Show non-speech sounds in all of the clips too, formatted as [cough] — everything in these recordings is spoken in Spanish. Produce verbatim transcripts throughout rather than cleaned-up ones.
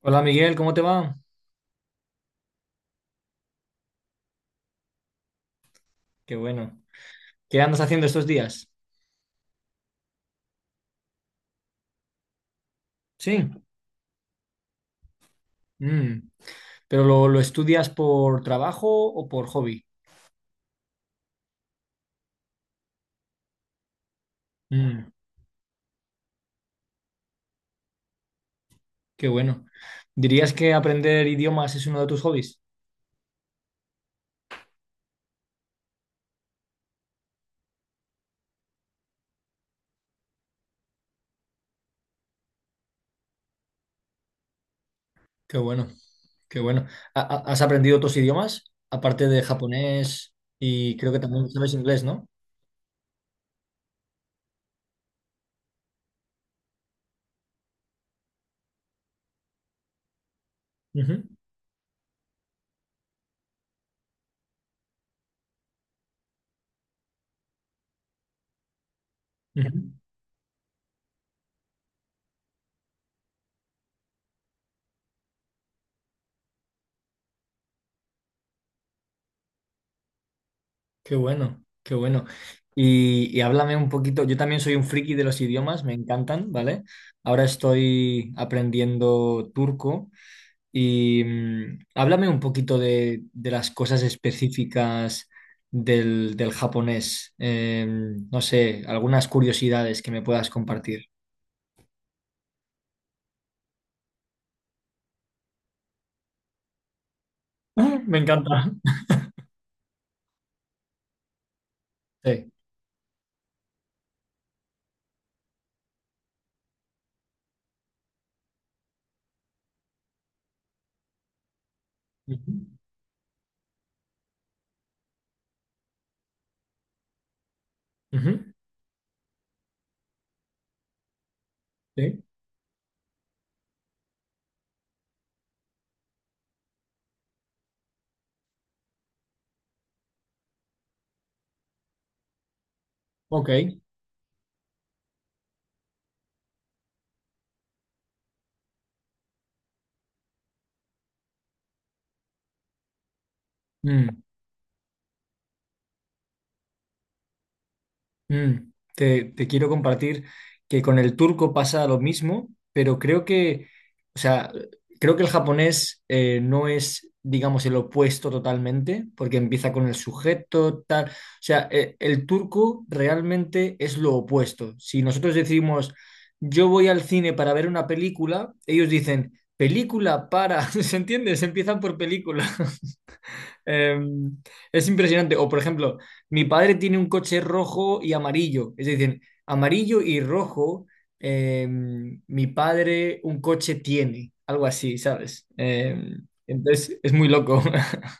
Hola Miguel, ¿cómo te va? Qué bueno. ¿Qué andas haciendo estos días? Sí. Mm. ¿Pero lo, lo estudias por trabajo o por hobby? Mm. Qué bueno. ¿Dirías que aprender idiomas es uno de tus hobbies? Qué bueno, qué bueno. ¿Ha- ha- ¿Has aprendido otros idiomas? Aparte de japonés y creo que también sabes inglés, ¿no? Ujú, ujú. Qué bueno, qué bueno. Y, y háblame un poquito, yo también soy un friki de los idiomas, me encantan, ¿vale? Ahora estoy aprendiendo turco y mm, háblame un poquito de, de las cosas específicas del, del japonés. Eh, no sé, algunas curiosidades que me puedas compartir. [laughs] Me encanta. Sí. Ujú, ujú, sí. Ok. Mm. Mm, te, te quiero compartir que con el turco pasa lo mismo, pero creo que, o sea, creo que el japonés eh, no es, digamos, el opuesto totalmente, porque empieza con el sujeto, tal. O sea, eh, el turco realmente es lo opuesto. Si nosotros decimos, yo voy al cine para ver una película, ellos dicen, película para, [laughs] ¿se entiende? Se empiezan por película. [laughs] Eh, es impresionante. O, por ejemplo, mi padre tiene un coche rojo y amarillo. Es decir, amarillo y rojo, eh, mi padre un coche tiene. Algo así, ¿sabes? Eh, entonces, es muy loco. [laughs]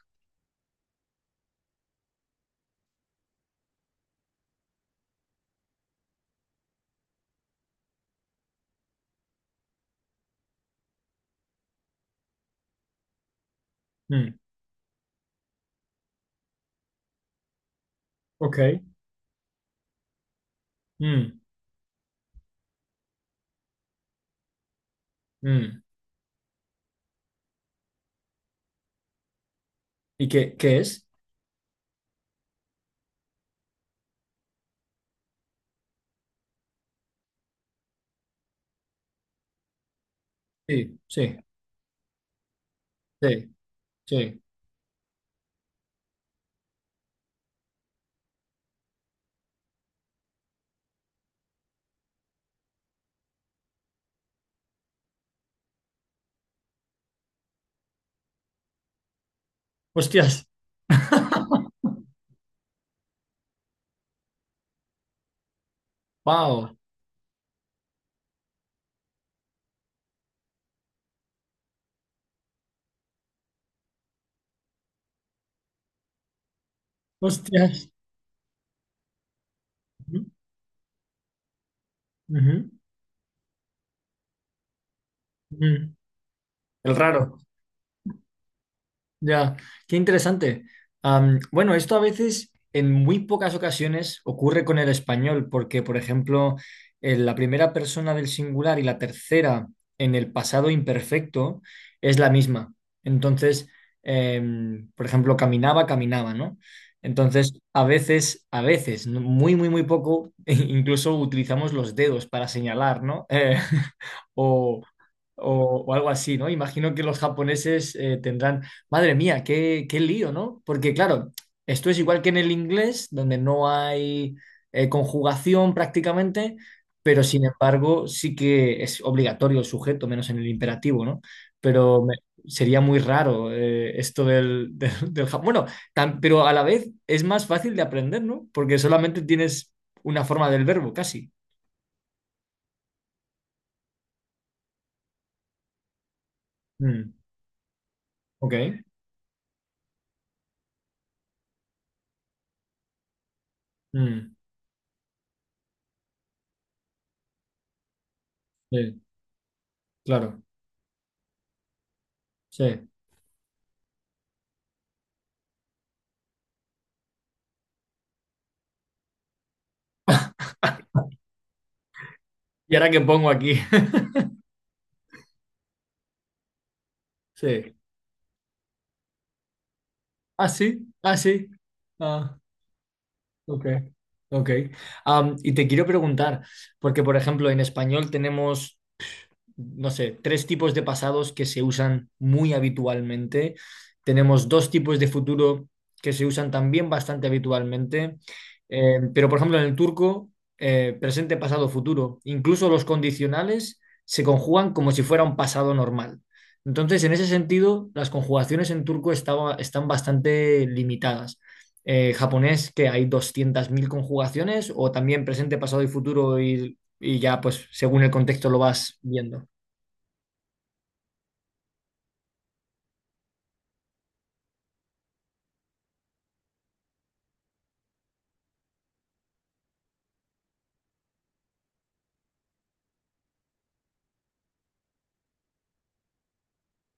Mm, ok. Mm, mm. ¿Y qué, qué es? Sí, sí, sí, sí. Hostias. [laughs] Wow. Hostias. Ujú, ujú, ujú. El raro. Ya, qué interesante. Am, bueno, esto a veces, en muy pocas ocasiones, ocurre con el español, porque, por ejemplo, en la primera persona del singular y la tercera en el pasado imperfecto es la misma. Entonces, em, por ejemplo, caminaba, caminaba, ¿no? Entonces, a veces, a veces, no- muy, muy, muy poco, [laughs] incluso utilizamos los dedos para señalar, ¿no? Eh, [laughs] o, o algo así, ¿no? Imagino que los japoneses eh, tendrán, madre mía, qué, qué lío, ¿no? Porque claro, esto es igual que en el inglés, donde no hay eh, conjugación prácticamente, pero sin embargo sí que es obligatorio el sujeto, menos en el imperativo, ¿no? Pero me- sería muy raro eh, esto del, [laughs] del, del ja- Bueno, tam- pero a la vez es más fácil de aprender, ¿no? Porque solamente tienes una forma del verbo, casi. Mm, ok. Mm, sí, claro. Sí. ¿Y ahora qué pongo aquí? [laughs] Sí. Ah, sí, ah, sí. Ah, ok, ok. Am, y te quiero preguntar, porque por ejemplo en español tenemos no sé, tres tipos de pasados que se usan muy habitualmente. Tenemos dos tipos de futuro que se usan también bastante habitualmente. Eh, pero, por ejemplo, en el turco, eh, presente, pasado, futuro, incluso los condicionales se conjugan como si fuera un pasado normal. Entonces, en ese sentido, las conjugaciones en turco estaba- están bastante limitadas. Eh, japonés, que hay doscientas mil conjugaciones, o también presente, pasado y futuro, y, y ya, pues, según el contexto lo vas viendo.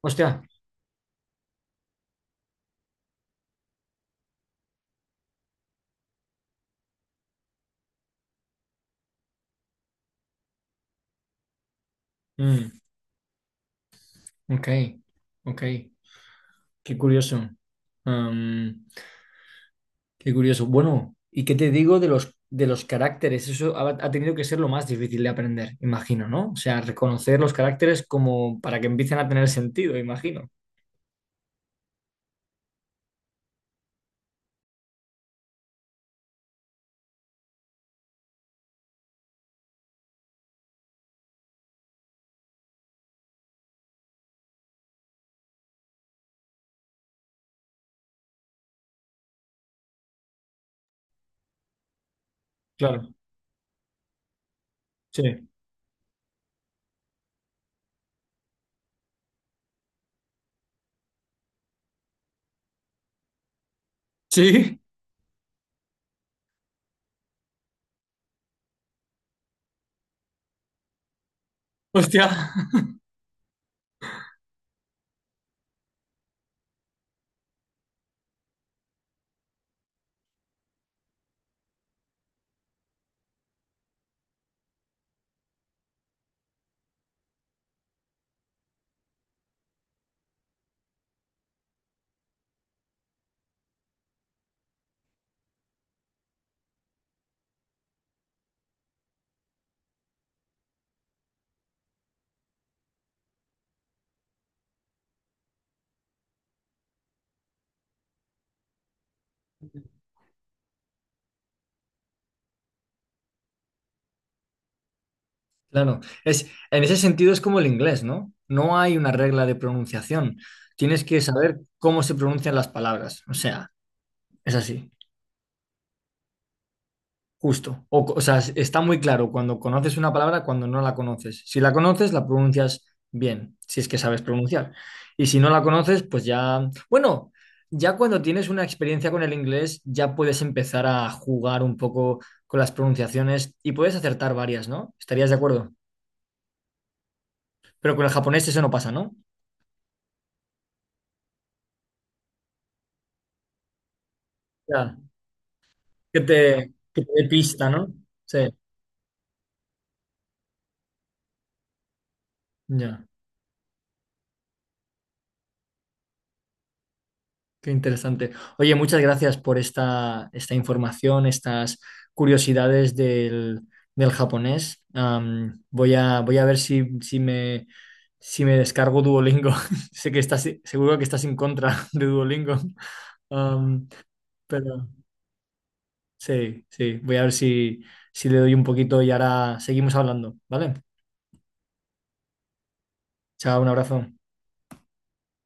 Hostia. Mm, ok, ok. Qué curioso. Am, Qué curioso. Bueno, ¿y qué te digo de los, de los caracteres? Eso ha, ha tenido que ser lo más difícil de aprender, imagino, ¿no? O sea, reconocer los caracteres como para que empiecen a tener sentido, imagino. Claro, sí. Sí, hostia. Claro, es, en ese sentido es como el inglés, ¿no? No hay una regla de pronunciación. Tienes que saber cómo se pronuncian las palabras. O sea, es así. Justo. O, o sea, está muy claro cuando conoces una palabra, cuando no la conoces. Si la conoces, la pronuncias bien, si es que sabes pronunciar. Y si no la conoces, pues ya... Bueno, ya cuando tienes una experiencia con el inglés, ya puedes empezar a jugar un poco con las pronunciaciones y puedes acertar varias, ¿no? ¿Estarías de acuerdo? Pero con el japonés eso no pasa, ¿no? Ya, que te, que te dé pista, ¿no? Sí, ya. Qué interesante. Oye, muchas gracias por esta, esta información, estas curiosidades del, del japonés. Am, voy a, voy a ver si, si me, si me descargo Duolingo. [laughs] Sé que estás, seguro que estás en contra [laughs] de Duolingo. Am, pero sí, sí, voy a ver si, si le doy un poquito y ahora seguimos hablando, ¿vale? Chao, un abrazo.